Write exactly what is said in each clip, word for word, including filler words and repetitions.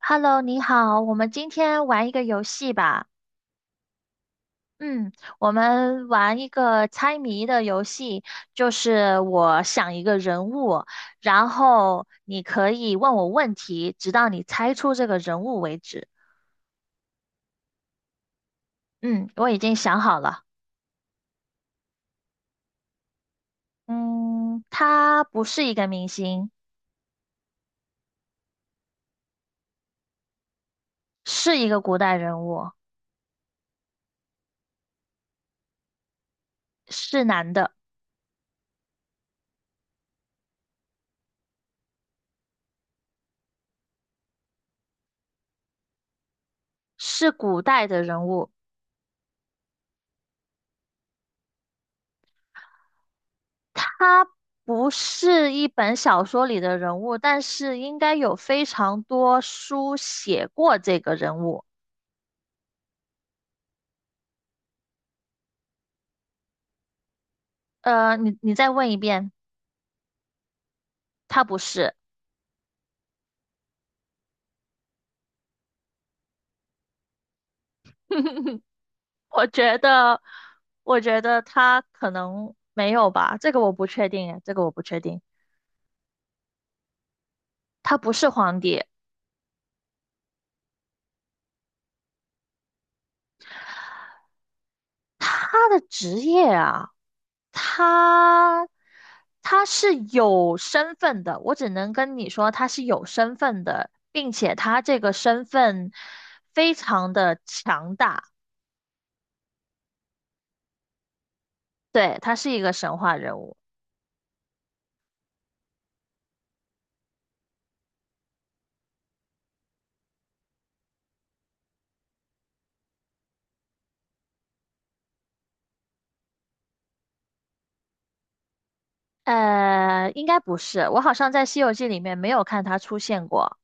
Hello，你好，我们今天玩一个游戏吧。嗯，我们玩一个猜谜的游戏，就是我想一个人物，然后你可以问我问题，直到你猜出这个人物为止。嗯，我已经想好了。嗯，他不是一个明星，是一个古代人物，是男的，是古代的人物。他不是一本小说里的人物，但是应该有非常多书写过这个人物。呃，你你再问一遍，他不是。我觉得，我觉得他可能没有吧，这个我不确定，这个我不确定。他不是皇帝，他的职业啊。他他是有身份的，我只能跟你说他是有身份的，并且他这个身份非常的强大，对，他是一个神话人物。呃，应该不是，我好像在《西游记》里面没有看他出现过。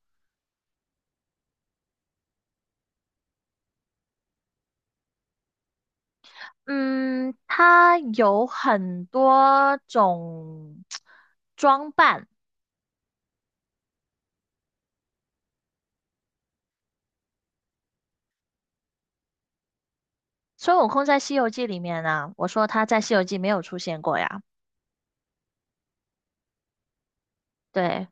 嗯，他有很多种 装扮。孙悟空在《西游记》里面呢，我说他在《西游记》没有出现过呀。对，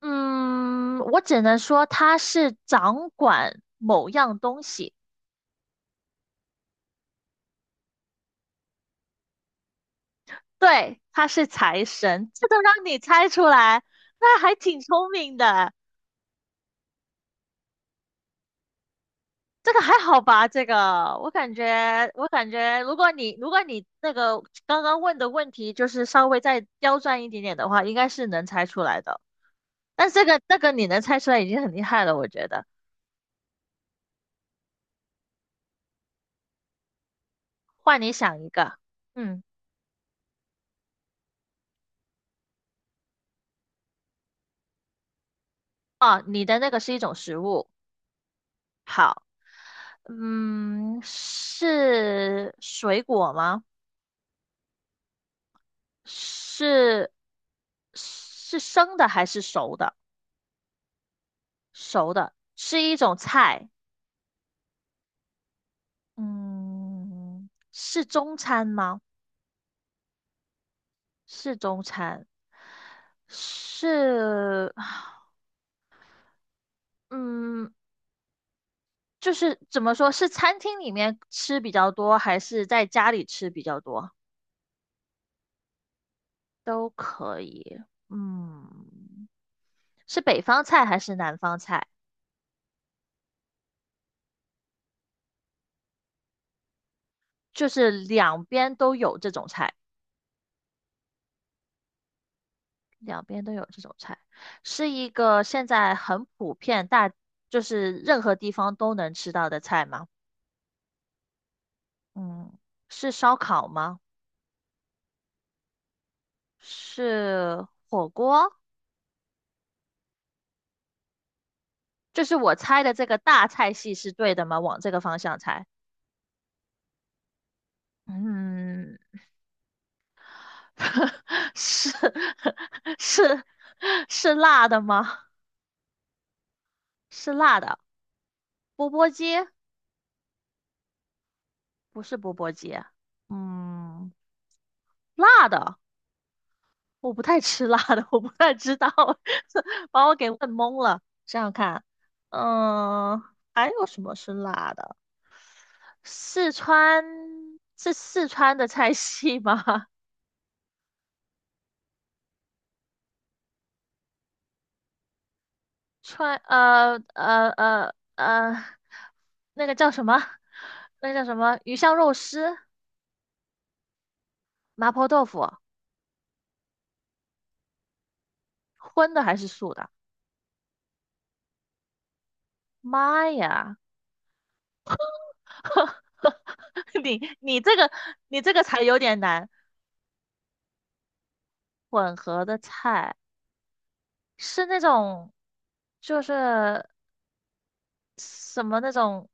嗯，我只能说他是掌管某样东西，对，他是财神，这都让你猜出来，那还挺聪明的。这个还好吧？这个我感觉，我感觉，如果你如果你那个刚刚问的问题就是稍微再刁钻一点点的话，应该是能猜出来的。但这个这个你能猜出来已经很厉害了，我觉得。换你想一个。嗯，哦，你的那个是一种食物，好。嗯，是水果吗？是是生的还是熟的？熟的，是一种菜。嗯，是中餐吗？是中餐，是嗯，就是怎么说，是餐厅里面吃比较多，还是在家里吃比较多？都可以。嗯，是北方菜还是南方菜？就是两边都有这种菜。两边都有这种菜，是一个现在很普遍大，就是任何地方都能吃到的菜吗？嗯，是烧烤吗？是火锅？就是我猜的这个大菜系是对的吗？往这个方向猜。嗯，是 是是辣的吗？是辣的，钵钵鸡。不是钵钵鸡，嗯，辣的。我不太吃辣的，我不太知道，把我给问懵了。想想看，嗯，还有什么是辣的？四川，是四川的菜系吗？川呃呃呃呃，那个叫什么？那个叫什么？鱼香肉丝、麻婆豆腐，荤的还是素的？妈呀，你你这个你这个才有点难，混合的菜。是那种，就是什么那种，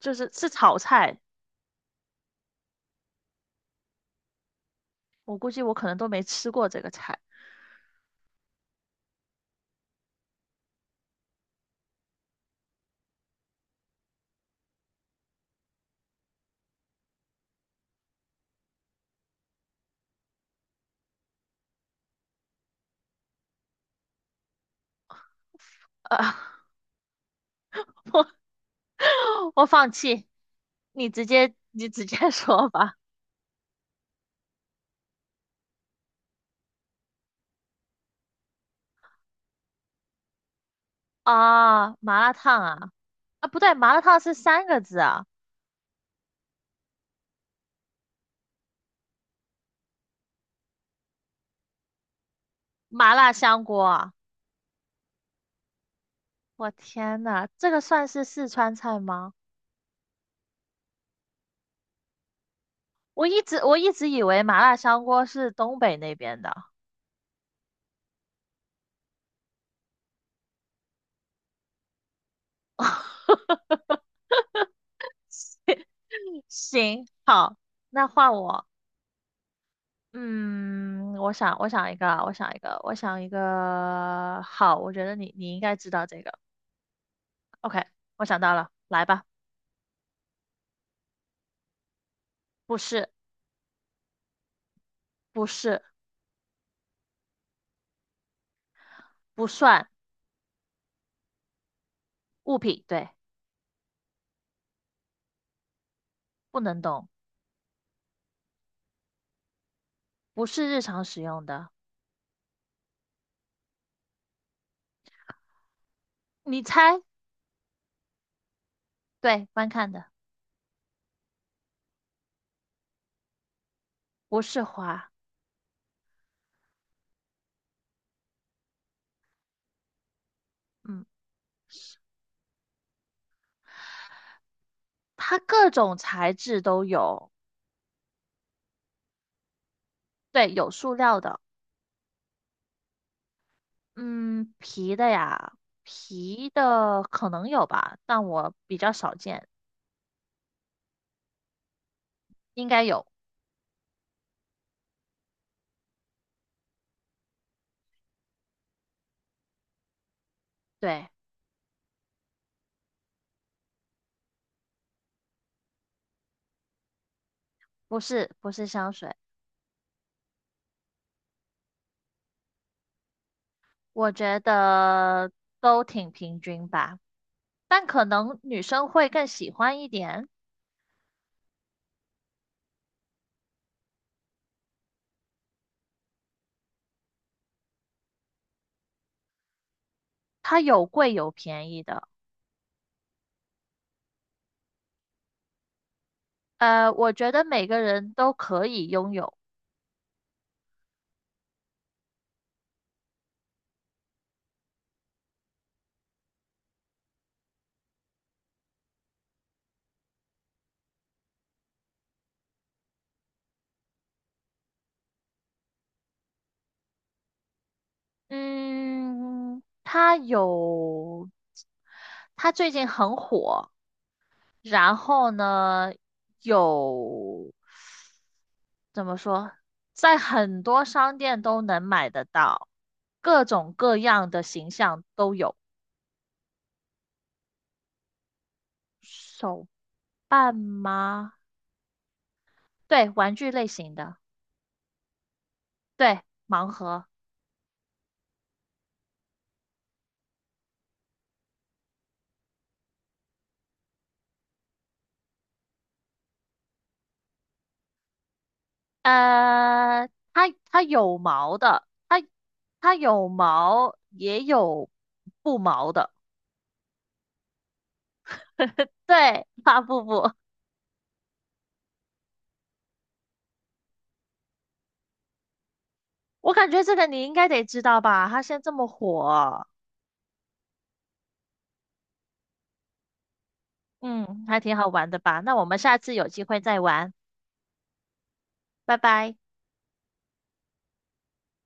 就是是炒菜。我估计我可能都没吃过这个菜。呃，我放弃，你直接你直接 说吧。啊，麻辣烫啊。啊不对，麻辣烫是三个字啊。麻辣香锅啊，我天呐，这个算是四川菜吗？我一直我一直以为麻辣香锅是东北那边的。行，好，那换我。嗯，我想，我想一个啊我想一个，我想一个。好，我觉得你你应该知道这个。OK,我想到了，来吧。不是，不是，不算物品，对，不能动，不是日常使用的。你猜，对，观看的，不是花。嗯，它各种材质都有，对，有塑料的，嗯，皮的呀，皮的可能有吧，但我比较少见，应该有。对，不是，不是香水。我觉得都挺平均吧，但可能女生会更喜欢一点，它有贵有便宜的。呃，我觉得每个人都可以拥有。嗯，它有，它最近很火，然后呢，有，怎么说，在很多商店都能买得到，各种各样的形象都有。手半吗？对，玩具类型的，对，盲盒。呃，它它有毛的，它它有毛，也有不毛的。对，发不不。我感觉这个你应该得知道吧？它现在这么火。嗯，还挺好玩的吧？那我们下次有机会再玩，拜拜。